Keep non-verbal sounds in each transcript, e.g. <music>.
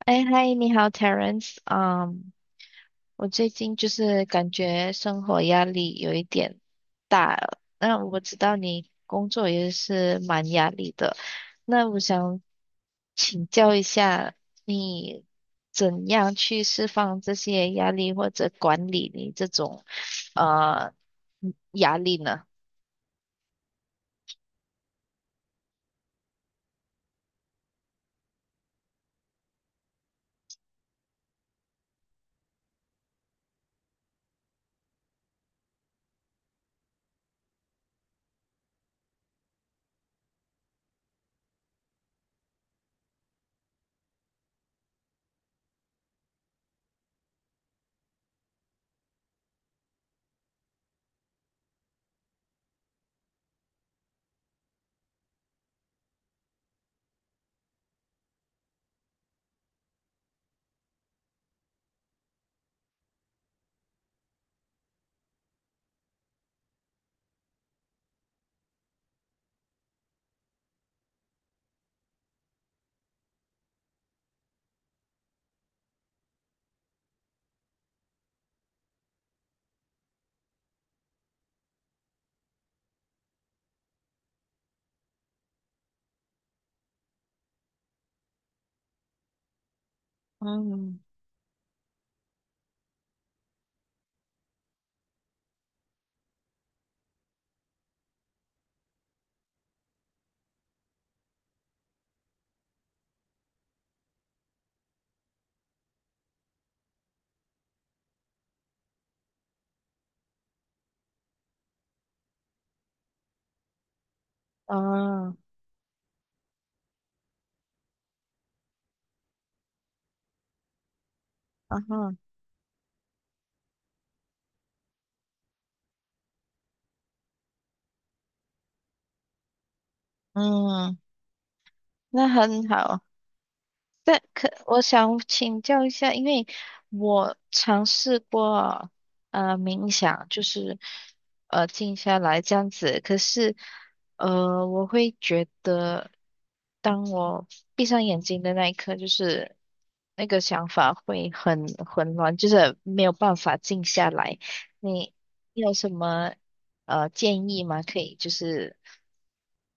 哎，嗨，你好，Terence。嗯，我最近就是感觉生活压力有一点大了那我知道你工作也是蛮压力的，那我想请教一下，你怎样去释放这些压力，或者管理你这种呃压力呢？嗯，哦，啊哈，嗯，那很好。但可我想请教一下，因为我尝试过冥想，就是静下来这样子，可是我会觉得，当我闭上眼睛的那一刻，就是那个想法会很混乱，就是没有办法静下来。你你有什么建议吗？可以就是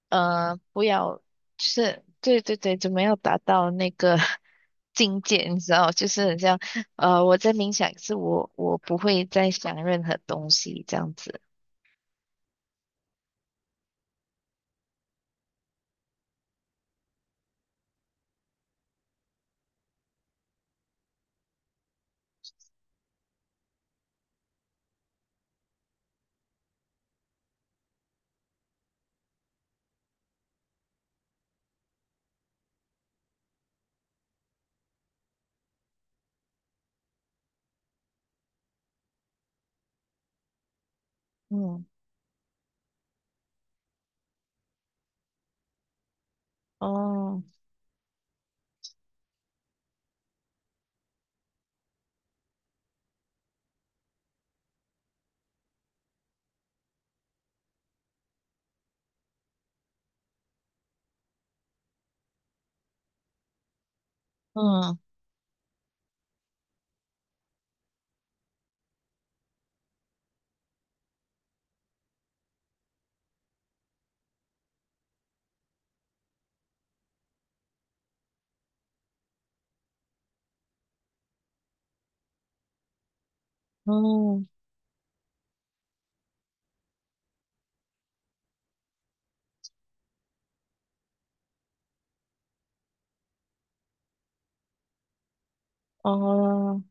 不要。就是对对对，就没有达到那个 <laughs> 境界，你知道，就是很像我在冥想，可是我不会再想任何东西这样子。嗯，哦，嗯，嗯，哦，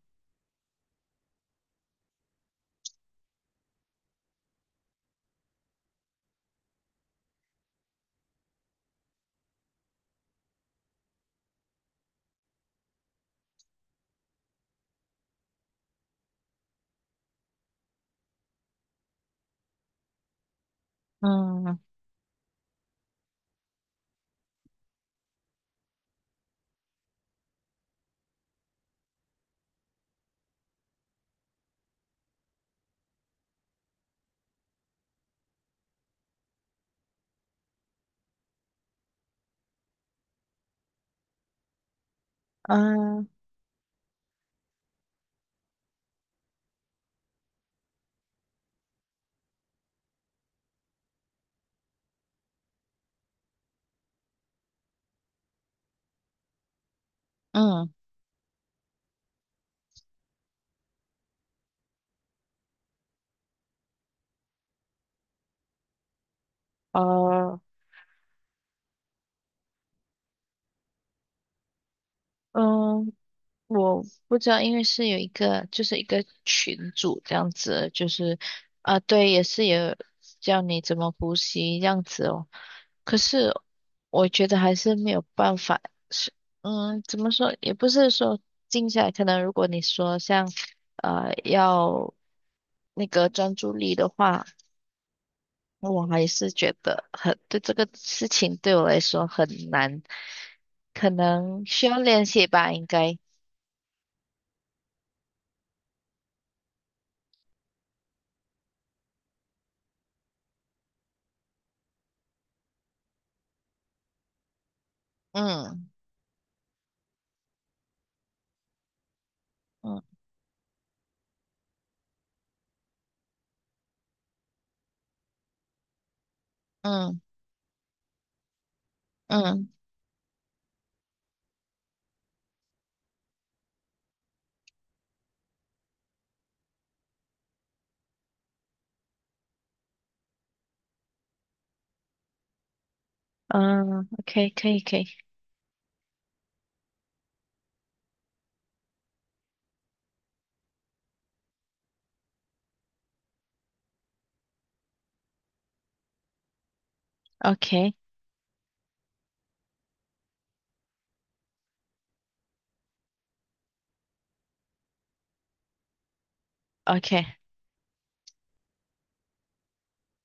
嗯，嗯，嗯，哦，嗯。我不知道，因为是有一个，就是一个群组这样子，就是啊，对，也是有教你怎么呼吸这样子哦。可是我觉得还是没有办法，是怎么说，也不是说静下来，可能如果你说像要那个专注力的话，我还是觉得很，对这个事情对我来说很难，可能需要练习吧，应该，嗯。嗯嗯嗯嗯，OK，可以，可以，OK，OK，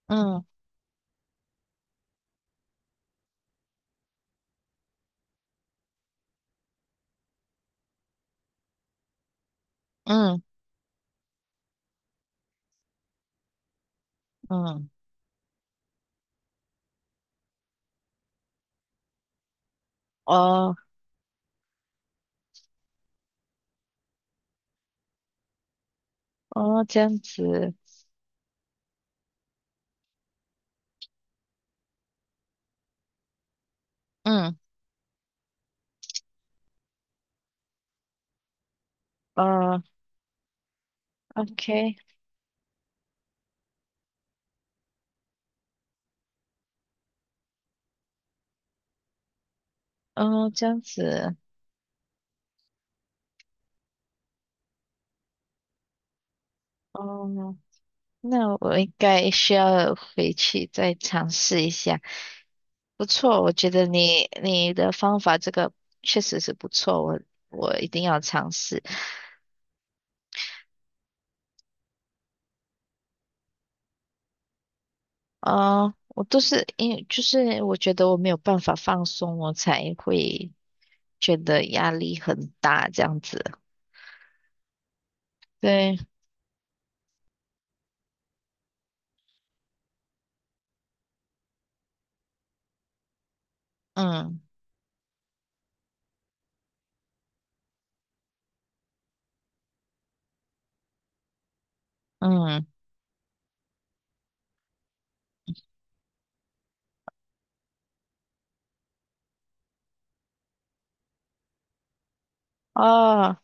嗯嗯嗯哦哦，这样子，嗯，哦，OK，哦，这样子，哦，那我应该需要回去再尝试一下。不错，我觉得你的方法这个确实是不错，我一定要尝试。哦，我都是因为就是我觉得我没有办法放松，我才会，觉得压力很大，这样子。对，嗯嗯，哦，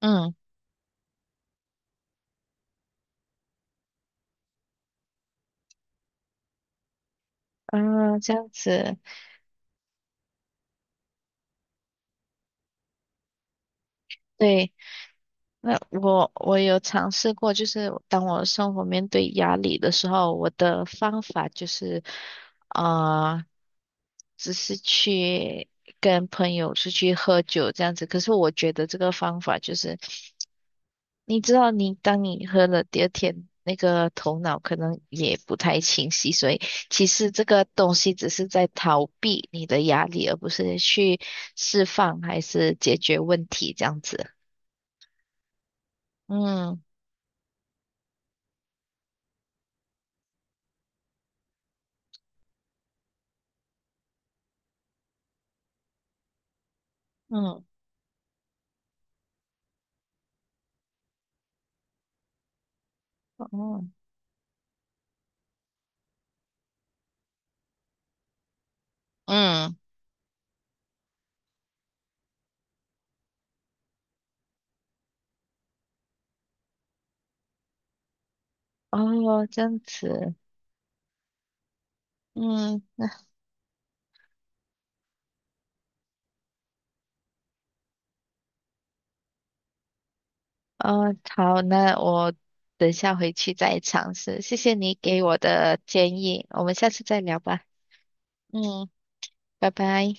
嗯嗯，这样子。对，那我有尝试过，就是当我生活面对压力的时候，我的方法就是啊、只是去跟朋友出去喝酒这样子。可是我觉得这个方法就是你知道，你当你喝了第二天，那个头脑可能也不太清晰，所以其实这个东西只是在逃避你的压力，而不是去释放还是解决问题这样子。嗯嗯哦嗯哦，这样子，嗯哦好，那我等下回去再尝试。谢谢你给我的建议，我们下次再聊吧。嗯，拜拜。